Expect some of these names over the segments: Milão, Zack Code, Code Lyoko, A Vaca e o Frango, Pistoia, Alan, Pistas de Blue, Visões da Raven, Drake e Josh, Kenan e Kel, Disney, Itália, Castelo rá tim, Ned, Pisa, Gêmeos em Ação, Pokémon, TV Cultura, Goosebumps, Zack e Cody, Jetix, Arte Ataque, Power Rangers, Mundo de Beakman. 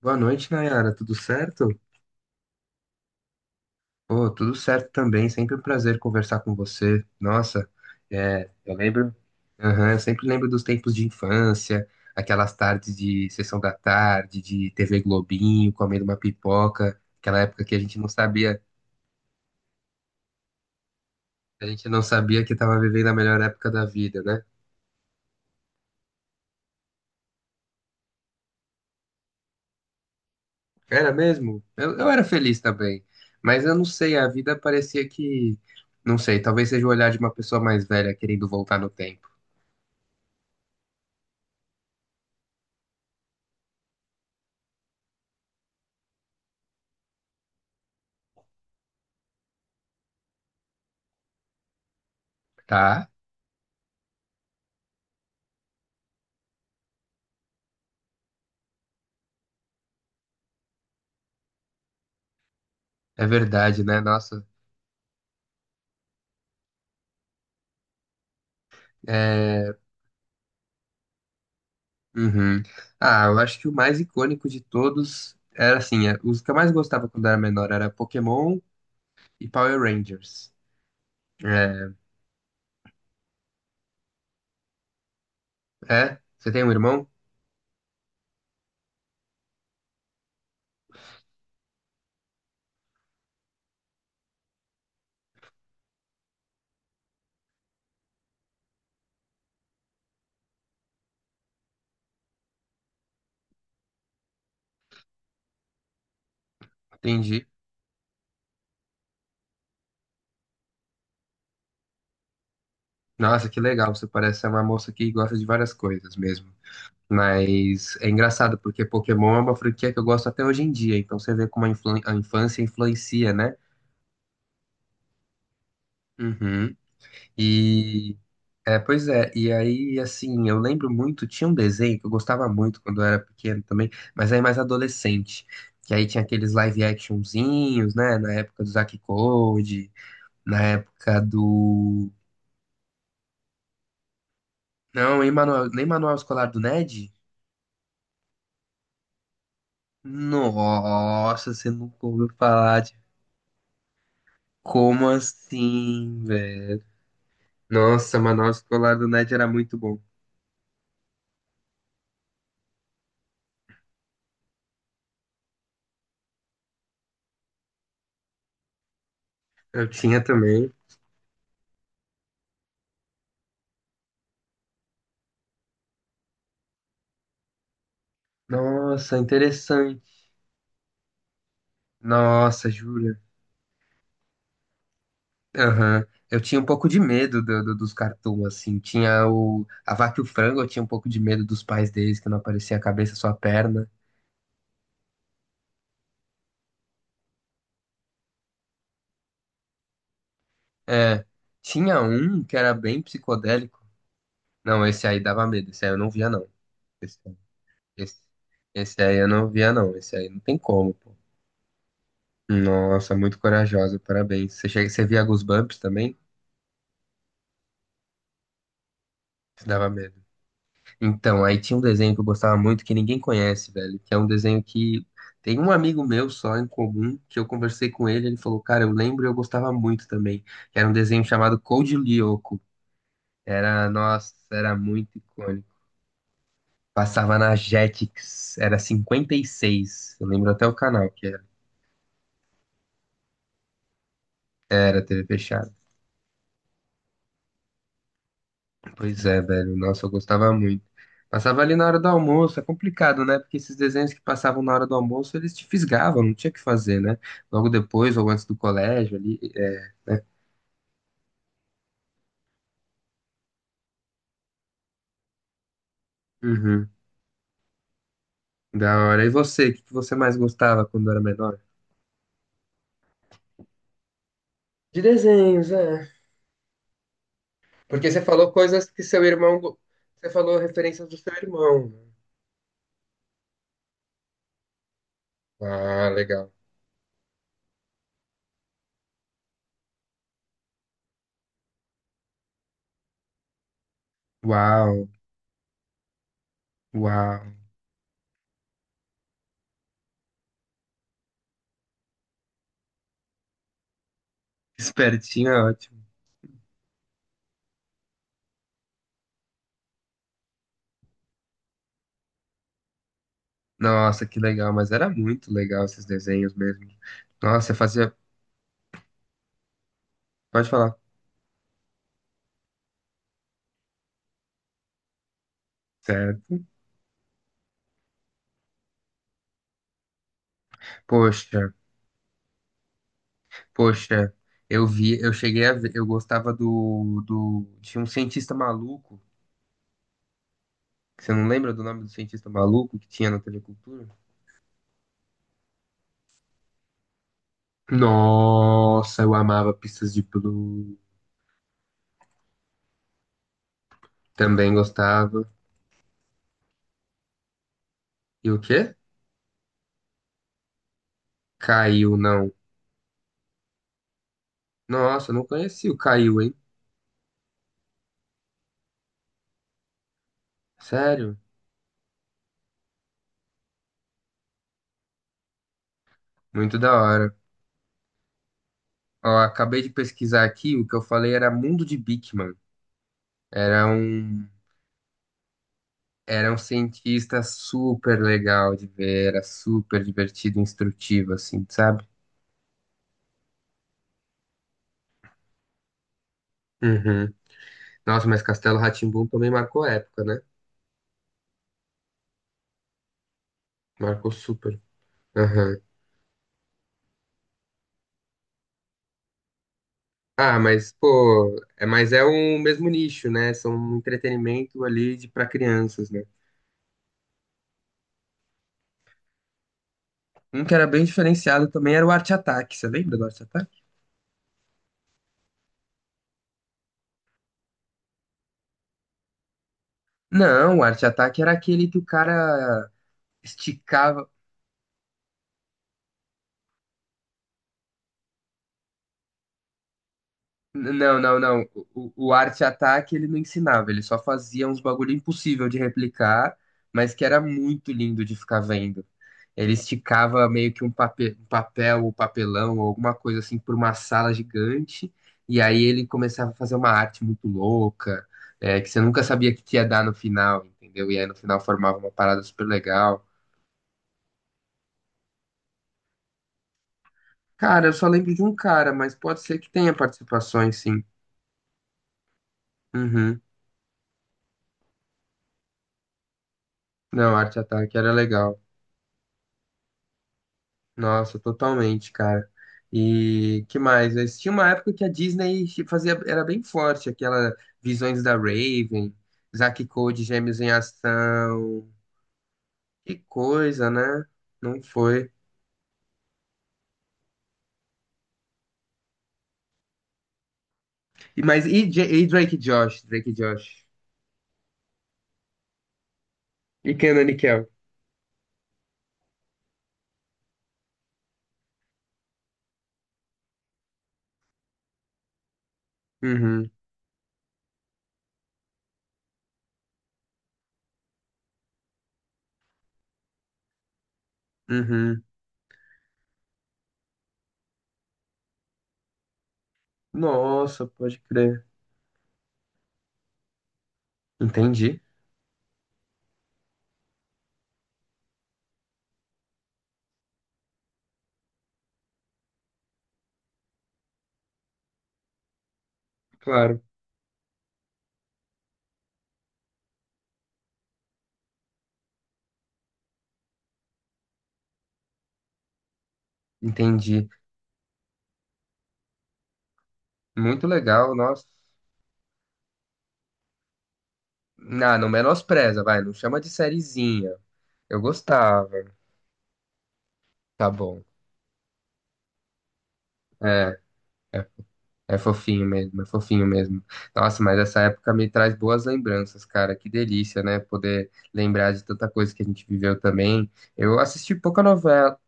Boa noite, Nayara. Tudo certo? Pô, tudo certo também. Sempre um prazer conversar com você. Nossa, eu lembro. Aham, eu sempre lembro dos tempos de infância, aquelas tardes de sessão da tarde, de TV Globinho, comendo uma pipoca, aquela época que a gente não sabia, a gente não sabia que estava vivendo a melhor época da vida, né? Era mesmo? Eu era feliz também, mas eu não sei, a vida parecia que, não sei, talvez seja o olhar de uma pessoa mais velha querendo voltar no tempo. Tá? É verdade, né? Nossa. É... uhum. Ah, eu acho que o mais icônico de todos era assim, os que eu mais gostava quando era menor era Pokémon e Power Rangers. É, é? Você tem um irmão? Entendi. Nossa, que legal. Você parece ser uma moça que gosta de várias coisas mesmo. Mas é engraçado, porque Pokémon é uma franquia que eu gosto até hoje em dia. Então você vê como a, a infância influencia, né? Uhum. E e aí assim, eu lembro muito, tinha um desenho que eu gostava muito quando eu era pequeno também, mas aí mais adolescente, que aí tinha aqueles live actionzinhos, né, na época do Zack Code, na época do. Não, em manual, nem manual escolar do Ned? Nossa, você nunca ouviu falar de. Como assim, velho? Nossa, manual escolar do Ned era muito bom. Eu tinha também. Nossa, interessante. Nossa, juro. Aham. Eu tinha um pouco de medo dos cartoons, assim. Tinha o... A Vaca e o Frango, eu tinha um pouco de medo dos pais deles, que não aparecia a cabeça, só a perna. É. Tinha um que era bem psicodélico. Não, esse aí dava medo. Esse aí eu não via, não. Esse, esse, esse aí eu não via, não. Esse aí não tem como, pô. Nossa, muito corajosa, parabéns. Você, chega, você via Goosebumps também? Isso dava medo. Então, aí tinha um desenho que eu gostava muito que ninguém conhece, velho, que é um desenho que tem um amigo meu só em comum, que eu conversei com ele, ele falou, cara, eu lembro e eu gostava muito também. Que era um desenho chamado Code Lyoko. Era, nossa, era muito icônico. Passava na Jetix, era 56, eu lembro até o canal que era, era TV fechada. Pois é, velho. Nossa, eu gostava muito. Passava ali na hora do almoço, é complicado, né? Porque esses desenhos que passavam na hora do almoço, eles te fisgavam, não tinha o que fazer, né? Logo depois ou antes do colégio ali. É. Uhum. Da hora. E você, o que que você mais gostava quando era menor? De desenhos, é. Porque você falou coisas que seu irmão. Você falou referências do seu irmão. Ah, legal. Uau, uau. Espertinho é ótimo. Nossa, que legal, mas era muito legal esses desenhos mesmo. Nossa, fazia. Pode falar. Certo. Poxa, poxa, eu vi, eu cheguei a ver, eu gostava tinha um cientista maluco, que você não lembra do nome do cientista maluco que tinha na TV Cultura? Nossa, eu amava Pistas de Blue, também gostava. E o quê? Caiu, não. Nossa, eu não conheci o Caiu, hein? Sério? Muito da hora. Ó, acabei de pesquisar aqui, o que eu falei era Mundo de Beakman. Era um. Era um cientista super legal de ver, era super divertido, instrutivo, assim, sabe? Uhum. Nossa, mas Castelo rá tim também marcou época, né? Marcou super. Aham. Ah, mas, pô, é, mas é um mesmo nicho, né? São um entretenimento ali de para crianças, né? Um que era bem diferenciado também era o Arte Ataque. Você lembra do Arte Ataque? Não, o Arte Ataque era aquele que o cara esticava. Não, não, não. O Arte Ataque ele não ensinava, ele só fazia uns bagulho impossível de replicar, mas que era muito lindo de ficar vendo. Ele esticava meio que um um papel, ou papelão, ou alguma coisa assim, por uma sala gigante, e aí ele começava a fazer uma arte muito louca, que você nunca sabia o que que ia dar no final, entendeu? E aí no final formava uma parada super legal. Cara, eu só lembro de um cara, mas pode ser que tenha participações, sim. Uhum. Não, Arte Ataque era legal. Nossa, totalmente, cara. E que mais? Mas tinha uma época que a Disney fazia, era bem forte, aquela Visões da Raven, Zack e Cody, Gêmeos em Ação. Que coisa, né? Não foi. E, mas e, e Drake e Josh? Drake e Josh. E Kenan e Kel. Uhum, uhum. Nossa, pode crer. Entendi. Claro, entendi. Muito legal, nossa. Não, não menospreza, vai. Não chama de sériezinha. Eu gostava. Tá bom. É é é, fofinho mesmo, é fofinho mesmo. Nossa, mas essa época me traz boas lembranças, cara. Que delícia, né? Poder lembrar de tanta coisa que a gente viveu também. Eu assisti pouca novela,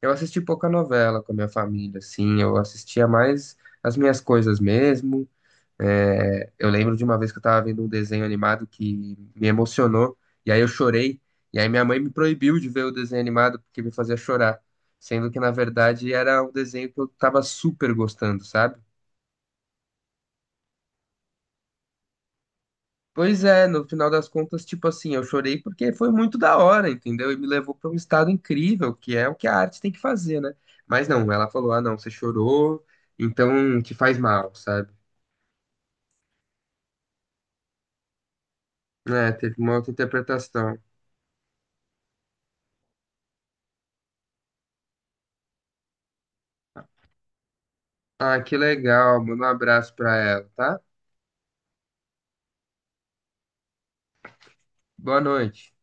eu assisti pouca novela com a minha família, assim. Eu assistia mais as minhas coisas mesmo. É, eu lembro de uma vez que eu tava vendo um desenho animado que me emocionou, e aí eu chorei, e aí minha mãe me proibiu de ver o desenho animado porque me fazia chorar. Sendo que, na verdade, era um desenho que eu tava super gostando, sabe? Pois é, no final das contas, tipo assim, eu chorei porque foi muito da hora, entendeu? E me levou para um estado incrível, que é o que a arte tem que fazer, né? Mas não, ela falou: ah, não, você chorou, então te faz mal, sabe? É, teve uma outra interpretação. Ah, que legal, manda um abraço pra ela, tá? Boa noite.